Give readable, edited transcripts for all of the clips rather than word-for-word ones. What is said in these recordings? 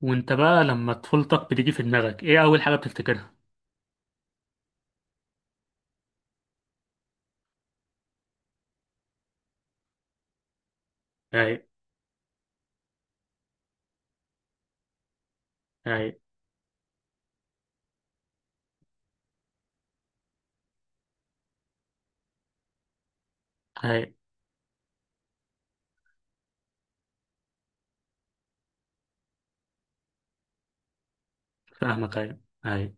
وانت بقى لما طفولتك بتيجي في دماغك ايه اول حاجة بتفتكرها؟ اي. اي. اي. فاهمك. اي. اي.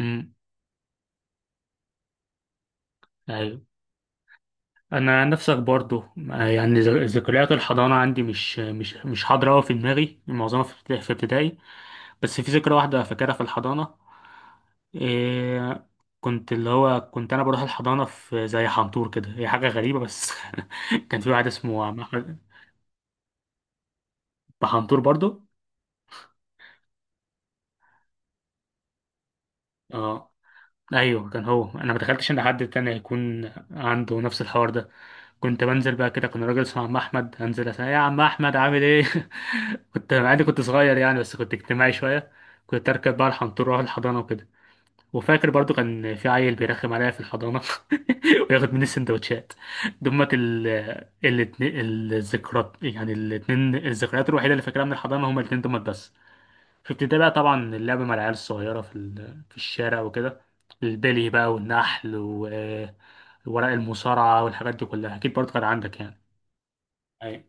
امم اي. انا نفسك برضو. يعني ذكريات الحضانة عندي مش حاضرة أوي في دماغي، معظمها في ابتدائي. بس في ذكرى واحدة فاكرها في الحضانة. إيه، كنت اللي هو كنت انا بروح الحضانة في زي حنطور كده، هي حاجة غريبة بس كان في واحد اسمه عم احمد. بحنطور برضو. اه، ايوه كان هو، انا ما تخيلتش ان حد تاني هيكون عنده نفس الحوار ده. كنت بنزل بقى كده، كان راجل اسمه عم احمد، انزل اسال يا عم احمد عامل ايه؟ كنت مع اني كنت صغير يعني، بس كنت اجتماعي شويه. كنت اركب بقى الحنطور واروح الحضانه وكده. وفاكر برضو كان في عيل بيرخم عليا في الحضانه وياخد مني السندوتشات. دمت الاتنين الذكريات، يعني الاتنين الذكريات الوحيده اللي فاكرها من الحضانه هما الاتنين دمت بس. كنت بتابع طبعا اللعب مع العيال الصغيرة في الشارع وكده. البلي بقى والنحل وورق المصارعة والحاجات دي كلها أكيد برضه كان عندك يعني. ايوه.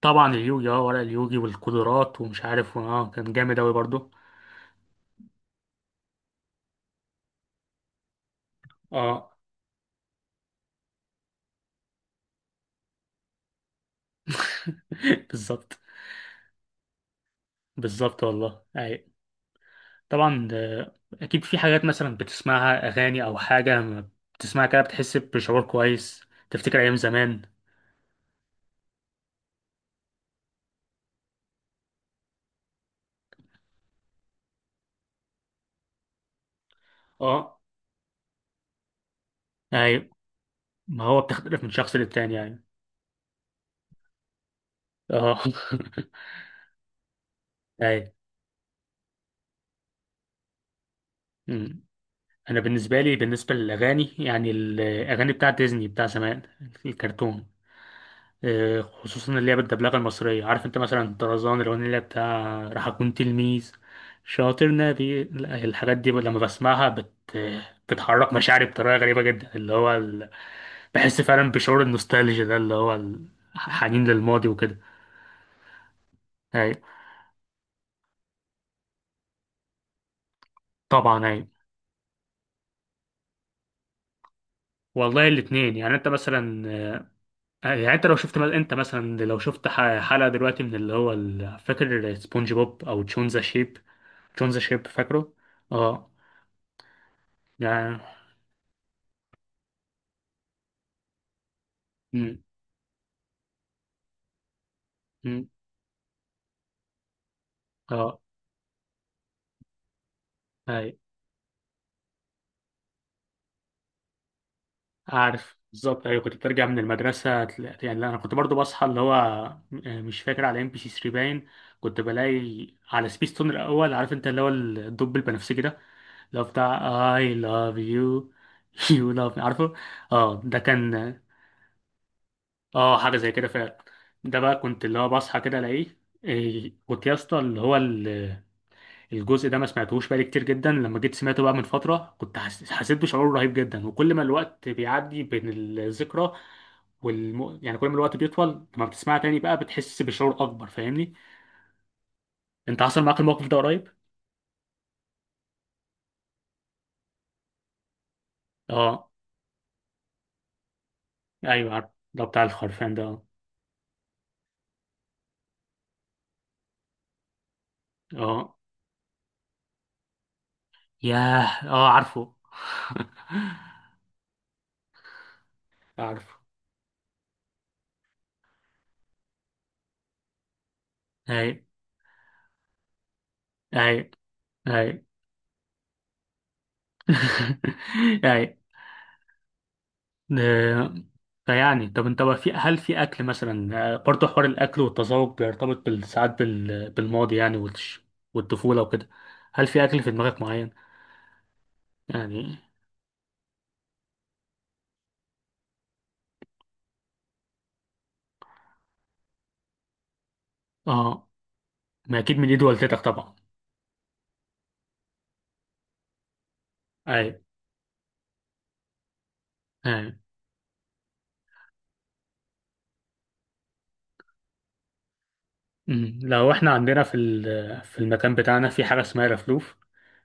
طبعا اليوجي، اه ورق اليوجي والقدرات ومش عارف، اه كان جامد أوي برضه. اه. بالظبط. بالظبط والله. أي. طبعا. أكيد في حاجات مثلا بتسمعها أغاني أو حاجة ما، بتسمعها كده بتحس بشعور كويس، تفتكر أيام زمان. اه. أي. ما هو بتختلف من شخص للتاني يعني. اه. ايوه. أمم. انا بالنسبه لي، بالنسبه للاغاني يعني، الاغاني بتاعه ديزني بتاع زمان، الكرتون. خصوصا اللي هي بالدبلجه المصريه. عارف انت مثلا طرزان، الاغنيه اللي هي بتاع راح اكون تلميذ شاطر نبي، لا، الحاجات دي لما بسمعها بتحرك مشاعري بطريقه غريبه جدا، اللي هو بحس فعلا بشعور النوستالجيا ده، اللي هو الحنين للماضي وكده. ايوه. طبعا ايوه. والله الاثنين يعني. انت مثلا يعني انت لو شفت مثلا، انت مثلا لو شفت حلقة دلوقتي من اللي هو فاكر سبونج بوب او تشونزا شيب. تشونزا شيب فاكره. اه. يعني. مم، مم، اه. اي. عارف بالظبط. ايوه كنت بترجع من المدرسة يعني لا، انا كنت برضو بصحى، اللي هو مش فاكر، على ام بي سي 3 باين. كنت بلاقي على سبيس تون الاول. عارف انت اللي هو الدب البنفسجي ده اللي هو بتاع I love you you love me، عارفه. اه ده كان. اه حاجه زي كده فعلا. ده بقى كنت اللي هو بصحى كده الاقيه. إيه، كنت يا اسطى اللي هو الجزء ده ما سمعتهوش بقالي كتير جدا، لما جيت سمعته بقى من فتره كنت حسيت بشعور رهيب جدا، وكل ما الوقت بيعدي بين الذكرى يعني كل ما الوقت بيطول لما بتسمعها تاني بقى بتحس بشعور اكبر، فاهمني؟ انت حصل معاك الموقف ده قريب؟ اه. ايوه عارف، ده بتاع الخرفان ده. اه. آه. ياه اه عارفه. عارفه. اي. اي. اي. اي. آه، فيعني طب انت بقى، في، هل في اكل مثلا؟ برضه حوار الاكل والتذوق بيرتبط بالماضي يعني، والطفوله وكده. هل في اكل في دماغك معين؟ يعني. اه، ما اكيد من ايد والدتك طبعا. اي. اي. أمم. لو احنا عندنا في المكان بتاعنا في حاجه اسمها رفلوف.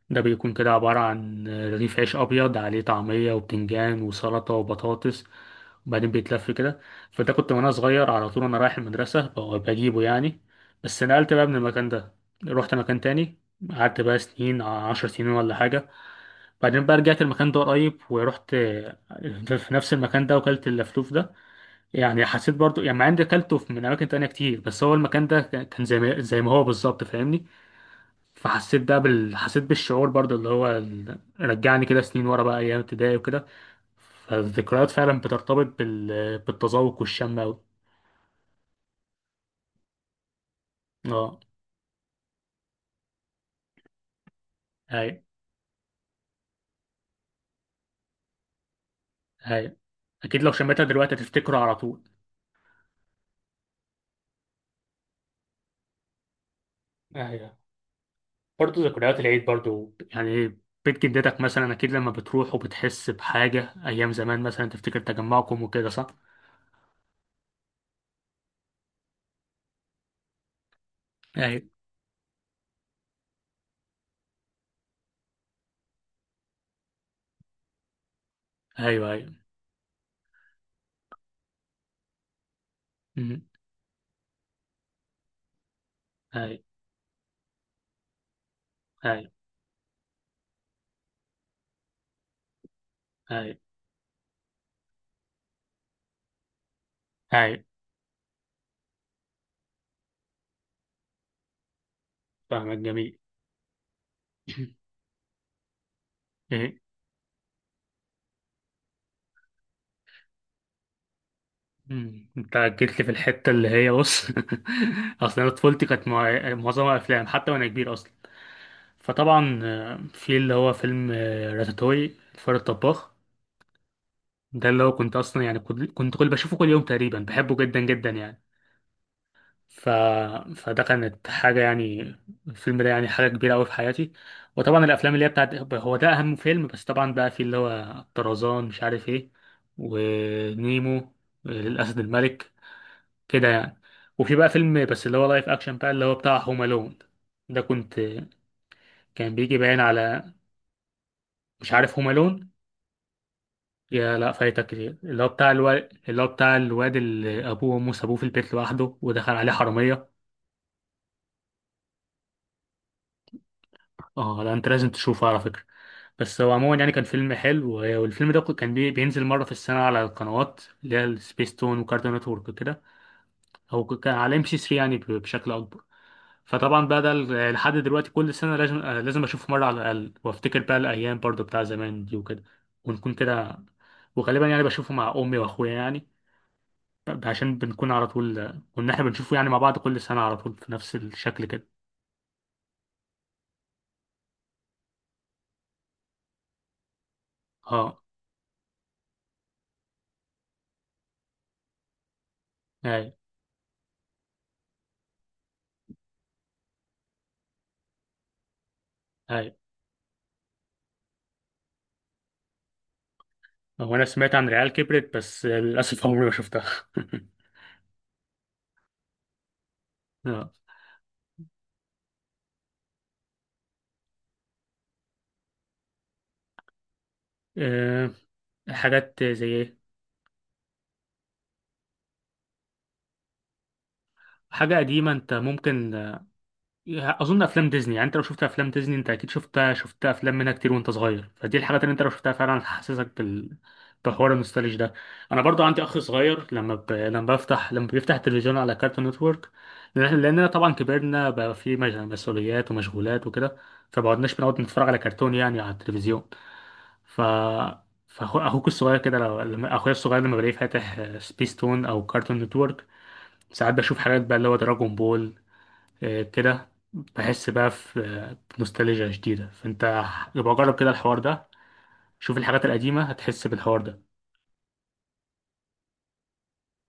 ده بيكون كده عباره عن رغيف عيش ابيض عليه طعميه وبتنجان وسلطه وبطاطس، وبعدين بيتلف كده. فده كنت وانا صغير على طول وانا رايح المدرسة بجيبه يعني. بس نقلت بقى من المكان ده، رحت مكان تاني، قعدت بقى سنين 10 سنين ولا حاجة. بعدين بقى رجعت المكان ده قريب ورحت في نفس المكان ده وكلت اللفلوف ده. يعني حسيت برضو يعني، مع اني كلته من أماكن تانية كتير، بس هو المكان ده كان زي ما هو بالظبط، فاهمني؟ فحسيت ده حسيت بالشعور برضو، اللي هو رجعني كده سنين ورا بقى أيام ابتدائي وكده. فالذكريات فعلا بترتبط بالتذوق والشم أوي. اه. هاي. هاي. اكيد لو شميتها دلوقتي هتفتكره على طول. ايوه برضه، ذكريات العيد برضه يعني. بيت جدتك مثلا اكيد لما بتروح وبتحس بحاجه ايام زمان مثلا، تفتكر تجمعكم وكده، صح؟ ايوه. ايوه. ايوه. أمم. ايوه. ايوه. ايوه. ايوه. فاهمك. جميل. ايه. أمم. انت جيت لي في الحته اللي هي، بص، اصل انا طفولتي كانت معظمها افلام، حتى وانا كبير اصلا. فطبعا في اللي هو فيلم، راتاتوي، الفار الطباخ. ده اللي هو كنت اصلا يعني كنت كل بشوفه كل يوم تقريبا، بحبه جدا جدا يعني. ف... فده كانت حاجة يعني، الفيلم ده يعني حاجة كبيرة أوي في حياتي. وطبعا الأفلام اللي هي بتاعت، هو ده أهم فيلم، بس طبعا بقى في اللي هو طرزان مش عارف إيه، ونيمو، الأسد الملك كده يعني. وفي بقى فيلم بس اللي هو لايف أكشن بقى اللي هو بتاع هوم ألون. ده كنت، كان بيجي باين على. مش عارف هوم ألون؟ يا لا فايتك كتير. اللي هو بتاع الواد، اللي هو بتاع الواد اللي ابوه وامه سابوه في البيت لوحده ودخل عليه حراميه. اه لا انت لازم تشوفه على فكره. بس هو عموما يعني كان فيلم حلو، والفيلم ده كان بينزل مره في السنه على القنوات اللي هي السبيس تون وكارتون نتورك كده، او كان على ام بي سي 3 يعني بشكل اكبر. فطبعا بقى ده لحد دلوقتي كل سنه لازم، لازم اشوفه مره على الاقل، وافتكر بقى الايام برضو بتاع زمان دي وكده، ونكون كده. وغالبا يعني بشوفه مع امي واخويا يعني، ده عشان بنكون على طول كنا احنا بنشوفه يعني مع بعض كل سنة على طول في نفس الشكل كده. اه. اي. اي. هو انا سمعت عن ريال كبرت، بس للأسف عمري ما شفتها. اه. آه، حاجات زي ايه؟ حاجة قديمة، انت ممكن، اظن افلام ديزني يعني. انت لو شفت افلام ديزني انت اكيد شفتها، شفت افلام منها كتير وانت صغير، فدي الحاجات اللي انت لو شفتها فعلا هتحسسك بحوار النوستالج ده. انا برضو عندي اخ صغير، لما ب... لما بفتح لما بيفتح التلفزيون على كارتون نتورك، لاننا طبعا كبرنا بقى في مسؤوليات ومشغولات وكده، فبقعدناش بنقعد نتفرج على كرتون يعني على التلفزيون. ف فاخوك الصغير كده لما اخويا الصغير لما بلاقيه فاتح سبيستون او كارتون نتورك، ساعات بشوف حاجات بقى اللي هو دراجون بول. كده بحس بقى في، بنوستالجيا شديدة. فانت يبقى جرب كده الحوار ده، شوف الحاجات القديمة هتحس بالحوار ده.